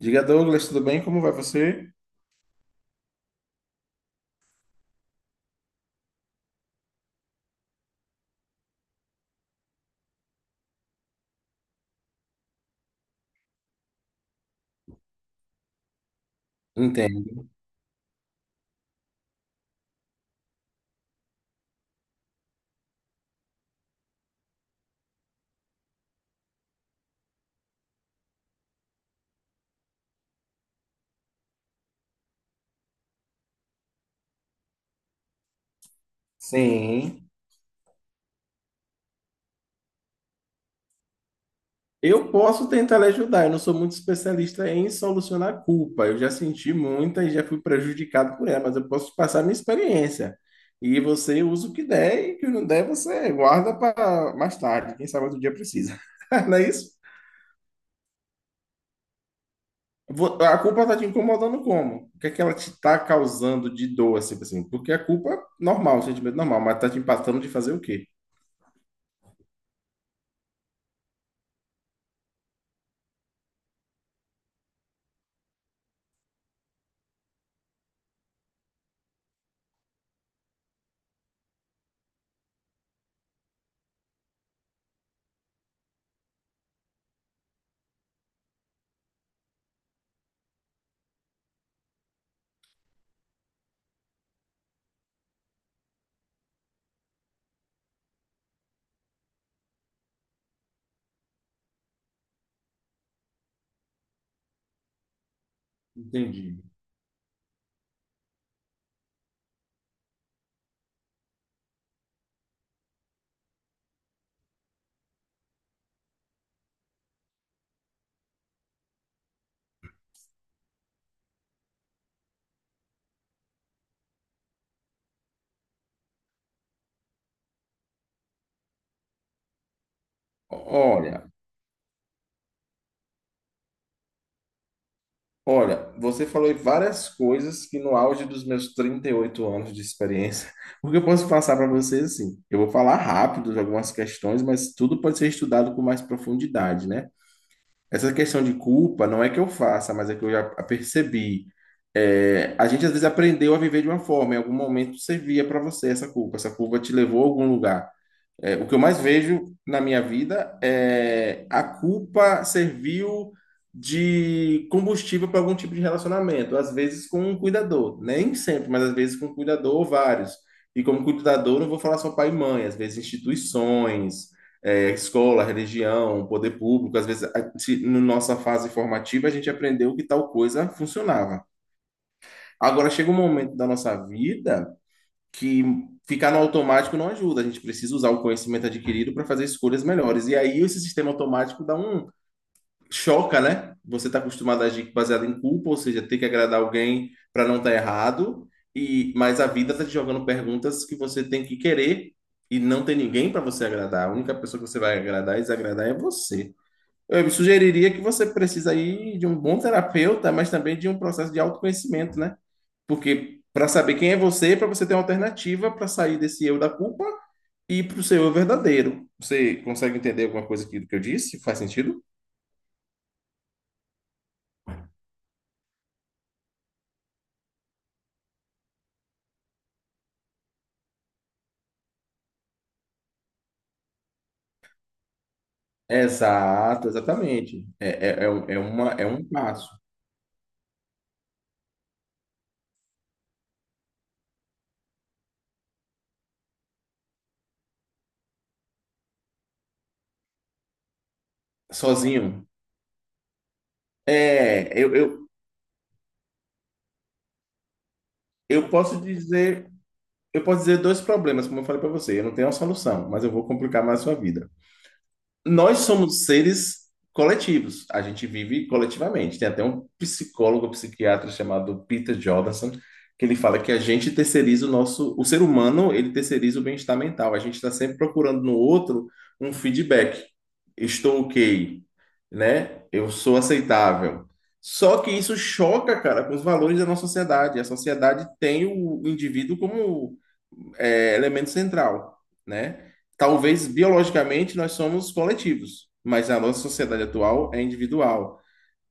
Diga, Douglas, tudo bem? Como vai você? Entendo. Sim. Eu posso tentar lhe ajudar. Eu não sou muito especialista em solucionar a culpa. Eu já senti muita e já fui prejudicado por ela, mas eu posso te passar a minha experiência. E você usa o que der e o que não der você guarda para mais tarde. Quem sabe outro dia precisa. Não é isso? A culpa está te incomodando como? O que é que ela te está causando de dor, assim? Porque a culpa é normal, um sentimento é normal, mas está te empatando de fazer o quê? Entendi. Olha, Olha, você falou em várias coisas que no auge dos meus 38 anos de experiência, o que eu posso passar para você assim? Eu vou falar rápido de algumas questões, mas tudo pode ser estudado com mais profundidade, né? Essa questão de culpa não é que eu faça, mas é que eu já percebi. É, a gente às vezes aprendeu a viver de uma forma, em algum momento servia para você essa culpa te levou a algum lugar. É, o que eu mais vejo na minha vida é a culpa serviu de combustível para algum tipo de relacionamento, às vezes com um cuidador, nem sempre, mas às vezes com um cuidador ou vários. E como cuidador, não vou falar só pai e mãe, às vezes instituições, escola, religião, poder público, às vezes na nossa fase formativa a gente aprendeu que tal coisa funcionava. Agora chega um momento da nossa vida que ficar no automático não ajuda. A gente precisa usar o conhecimento adquirido para fazer escolhas melhores. E aí esse sistema automático dá um choca, né? Você está acostumado a agir baseado em culpa, ou seja, ter que agradar alguém para não estar errado. E mas a vida está te jogando perguntas que você tem que querer e não tem ninguém para você agradar. A única pessoa que você vai agradar e desagradar é você. Eu sugeriria que você precisa aí de um bom terapeuta, mas também de um processo de autoconhecimento, né? Porque para saber quem é você, para você ter uma alternativa para sair desse eu da culpa e para o seu eu verdadeiro. Você consegue entender alguma coisa aqui do que eu disse? Faz sentido? Exato, exatamente. É um passo. Sozinho. É, eu, eu, eu posso dizer, eu posso dizer dois problemas, como eu falei para você. Eu não tenho uma solução, mas eu vou complicar mais a sua vida. Nós somos seres coletivos, a gente vive coletivamente. Tem até um psicólogo, psiquiatra chamado Peter Jordanson, que ele fala que a gente terceiriza o nosso, o ser humano, ele terceiriza o bem-estar mental. A gente está sempre procurando no outro um feedback. Estou ok, né? Eu sou aceitável. Só que isso choca, cara, com os valores da nossa sociedade. A sociedade tem o indivíduo como elemento central, né? Talvez biologicamente nós somos coletivos, mas a nossa sociedade atual é individual.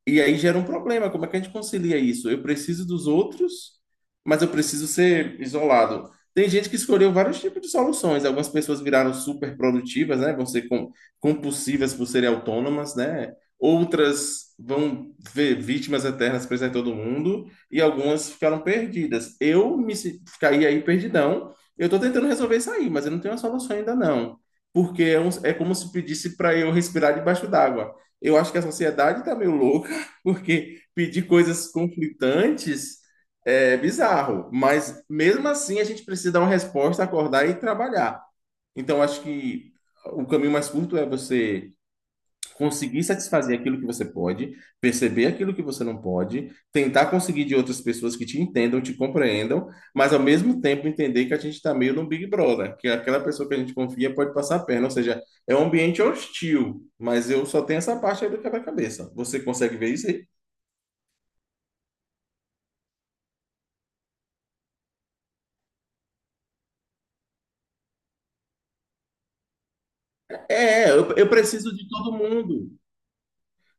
E aí gera um problema. Como é que a gente concilia isso? Eu preciso dos outros, mas eu preciso ser isolado. Tem gente que escolheu vários tipos de soluções. Algumas pessoas viraram super produtivas, né? Vão ser compulsivas por serem autônomas, né? Outras vão ver vítimas eternas presas em todo mundo e algumas ficaram perdidas. Eu me se- caí aí perdidão. Eu estou tentando resolver isso aí, mas eu não tenho a solução ainda não, porque é como se pedisse para eu respirar debaixo d'água. Eu acho que a sociedade está meio louca porque pedir coisas conflitantes é bizarro, mas mesmo assim a gente precisa dar uma resposta, acordar e trabalhar. Então acho que o caminho mais curto é você conseguir satisfazer aquilo que você pode, perceber aquilo que você não pode, tentar conseguir de outras pessoas que te entendam, te compreendam, mas ao mesmo tempo entender que a gente está meio num Big Brother, que aquela pessoa que a gente confia pode passar a perna, ou seja, é um ambiente hostil, mas eu só tenho essa parte aí do quebra-cabeça. Você consegue ver isso aí? Eu preciso de todo mundo.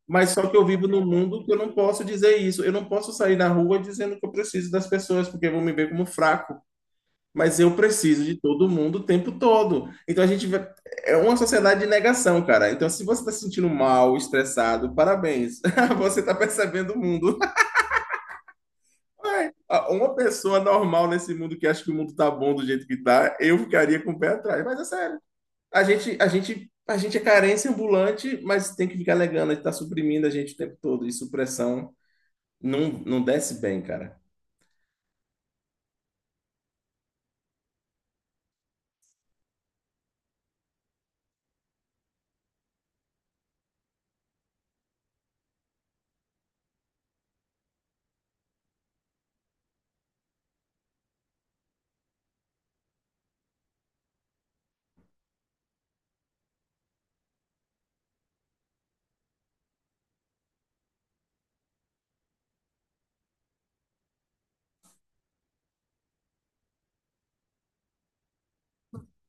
Mas só que eu vivo num mundo que eu não posso dizer isso. Eu não posso sair na rua dizendo que eu preciso das pessoas, porque vão me ver como fraco. Mas eu preciso de todo mundo o tempo todo. Então é uma sociedade de negação, cara. Então se você está se sentindo mal, estressado, parabéns. Você está percebendo o mundo. Uma pessoa normal nesse mundo que acha que o mundo tá bom do jeito que tá, eu ficaria com o pé atrás. Mas é sério. A gente é carência ambulante, mas tem que ficar alegando, ele tá suprimindo a gente o tempo todo, e supressão não, não desce bem, cara.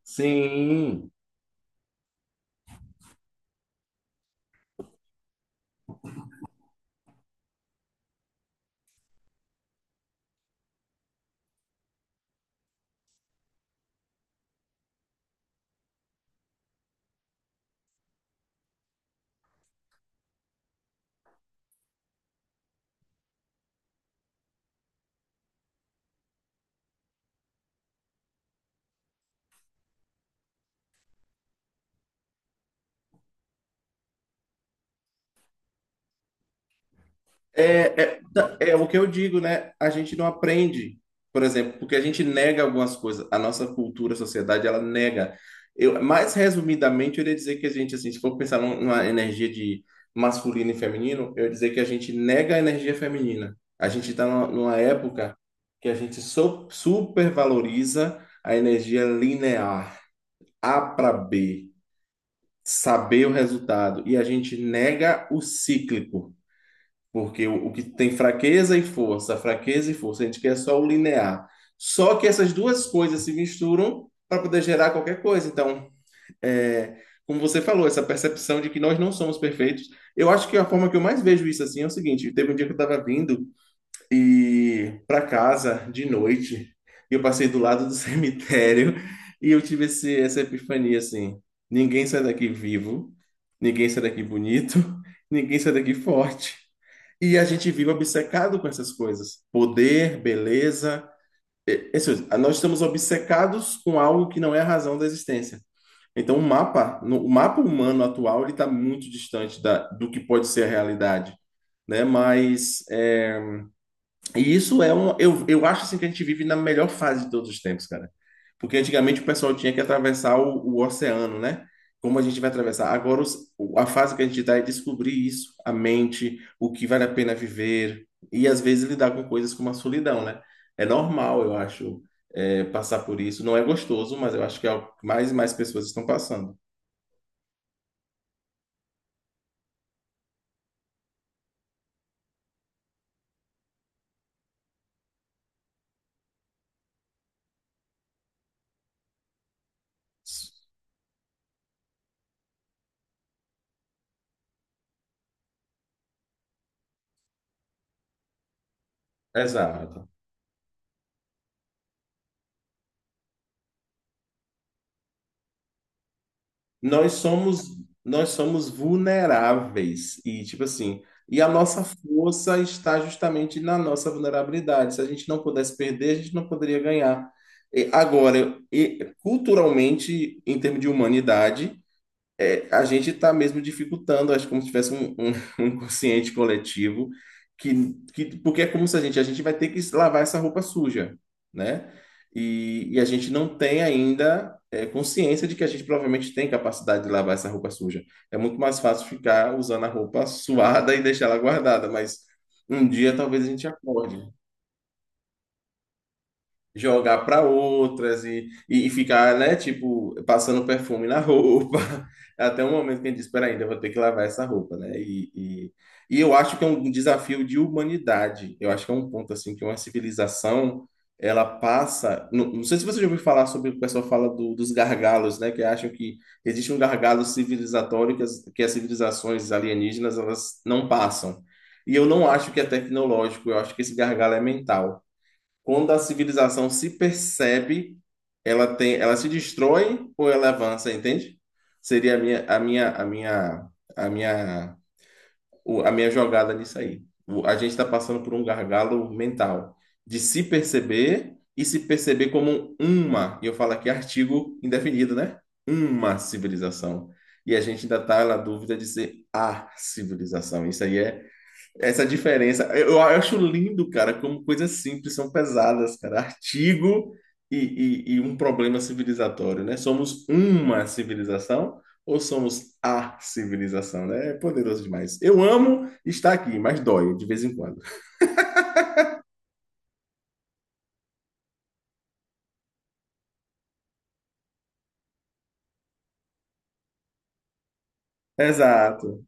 Sim. É, é, tá, é o que eu digo, né? A gente não aprende, por exemplo, porque a gente nega algumas coisas. A nossa cultura, a sociedade, ela nega. Eu, mais resumidamente, eu iria dizer que a gente, assim, se for pensar numa energia de masculino e feminino, eu ia dizer que a gente nega a energia feminina. A gente está numa, numa época que a gente supervaloriza a energia linear, A para B, saber o resultado, e a gente nega o cíclico. Porque o que tem fraqueza e força, a gente quer só o linear. Só que essas duas coisas se misturam para poder gerar qualquer coisa. Então, é, como você falou, essa percepção de que nós não somos perfeitos. Eu acho que a forma que eu mais vejo isso assim é o seguinte: teve um dia que eu estava vindo e para casa de noite. E eu passei do lado do cemitério e eu tive esse, essa epifania assim: ninguém sai daqui vivo, ninguém sai daqui bonito, ninguém sai daqui forte. E a gente vive obcecado com essas coisas: poder, beleza. Nós estamos obcecados com algo que não é a razão da existência. Então, o mapa, no- o mapa humano atual, ele está muito distante da, do que pode ser a realidade, né? Mas é, e isso é um. Eu acho assim que a gente vive na melhor fase de todos os tempos, cara. Porque antigamente o pessoal tinha que atravessar o oceano, né? Como a gente vai atravessar? Agora, a fase que a gente está é descobrir isso, a mente, o que vale a pena viver, e às vezes lidar com coisas como a solidão, né? É normal, eu acho, é, passar por isso. Não é gostoso, mas eu acho que é o que mais e mais pessoas estão passando. Exato. Nós somos, nós somos vulneráveis e tipo assim, e a nossa força está justamente na nossa vulnerabilidade. Se a gente não pudesse perder, a gente não poderia ganhar. E agora, e culturalmente, em termos de humanidade, é, a gente está mesmo dificultando, acho como se tivesse um inconsciente coletivo, porque é como se a gente, a gente vai ter que lavar essa roupa suja, né? E a gente não tem ainda consciência de que a gente provavelmente tem capacidade de lavar essa roupa suja. É muito mais fácil ficar usando a roupa suada e deixar ela guardada, mas um dia talvez a gente acorde jogar para outras e ficar, né, tipo, passando perfume na roupa, até o momento que a gente diz, espera ainda, eu vou ter que lavar essa roupa, né? E eu acho que é um desafio de humanidade. Eu acho que é um ponto assim que uma civilização ela passa. Não, não sei se você já ouviu falar sobre o que pessoal fala do, dos gargalos, né? Que acham que existe um gargalo civilizatório que as civilizações alienígenas elas não passam. E eu não acho que é tecnológico, eu acho que esse gargalo é mental. Quando a civilização se percebe, ela tem, ela se destrói ou ela avança, entende? Seria a minha, a minha jogada nisso aí. A gente está passando por um gargalo mental de se perceber e se perceber como uma, e eu falo aqui artigo indefinido, né? Uma civilização. E a gente ainda está na dúvida de ser a civilização. Isso aí é essa diferença, eu acho lindo, cara, como coisas simples são pesadas, cara. Artigo e um problema civilizatório, né? Somos uma civilização ou somos a civilização, né? É poderoso demais. Eu amo estar aqui, mas dói de vez em quando. Exato.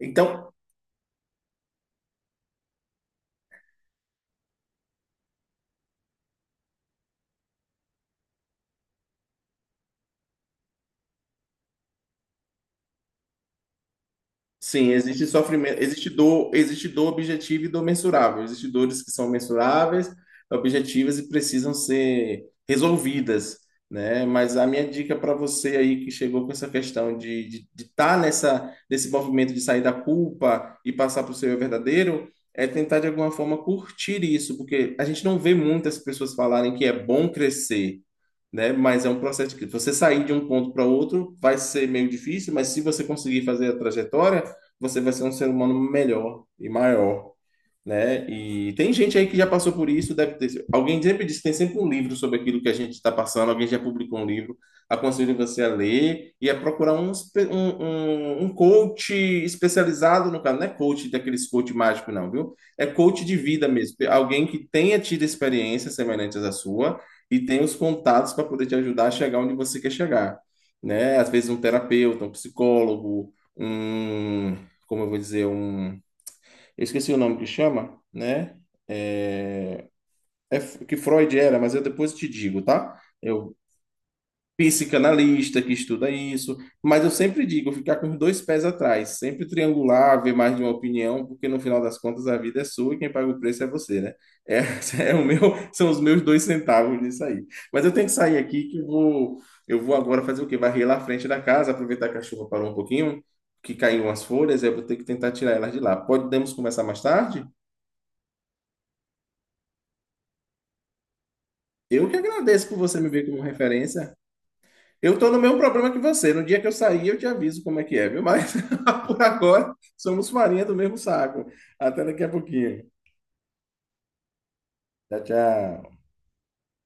Então, sim, existe sofrimento, existe dor objetiva e dor mensurável. Existem dores que são mensuráveis, objetivas e precisam ser resolvidas, né? Mas a minha dica para você aí que chegou com essa questão de estar de tá nessa nesse movimento de sair da culpa e passar para o seu eu verdadeiro é tentar de alguma forma curtir isso, porque a gente não vê muitas pessoas falarem que é bom crescer, né? Mas é um processo que você sair de um ponto para outro vai ser meio difícil, mas se você conseguir fazer a trajetória, você vai ser um ser humano melhor e maior, né? E tem gente aí que já passou por isso, deve ter. Alguém sempre disse que tem sempre um livro sobre aquilo que a gente está passando, alguém já publicou um livro. Aconselho você a ler e a procurar um, um coach especializado no caso. Não é coach daqueles coach mágico, não, viu? É coach de vida mesmo. Alguém que tenha tido experiências semelhantes à sua e tenha os contatos para poder te ajudar a chegar onde você quer chegar, né? Às vezes um terapeuta, um psicólogo, um, como eu vou dizer, um eu esqueci o nome que chama, né? É, que Freud era, mas eu depois te digo, tá? Eu psicanalista que estuda isso, mas eu sempre digo, ficar com os dois pés atrás, sempre triangular, ver mais de uma opinião, porque no final das contas a vida é sua e quem paga o preço é você, né? É, é o meu, são os meus 2 centavos nisso aí. Mas eu tenho que sair aqui que eu vou agora fazer o quê? Varrer lá à frente da casa, aproveitar que a chuva parou um pouquinho, que caiu umas folhas, eu vou ter que tentar tirar elas de lá. Podemos conversar mais tarde? Eu que agradeço por você me ver como referência. Eu estou no mesmo problema que você. No dia que eu sair, eu te aviso como é que é, viu? Mas por agora, somos farinha do mesmo saco. Até daqui a pouquinho. Tchau, tchau.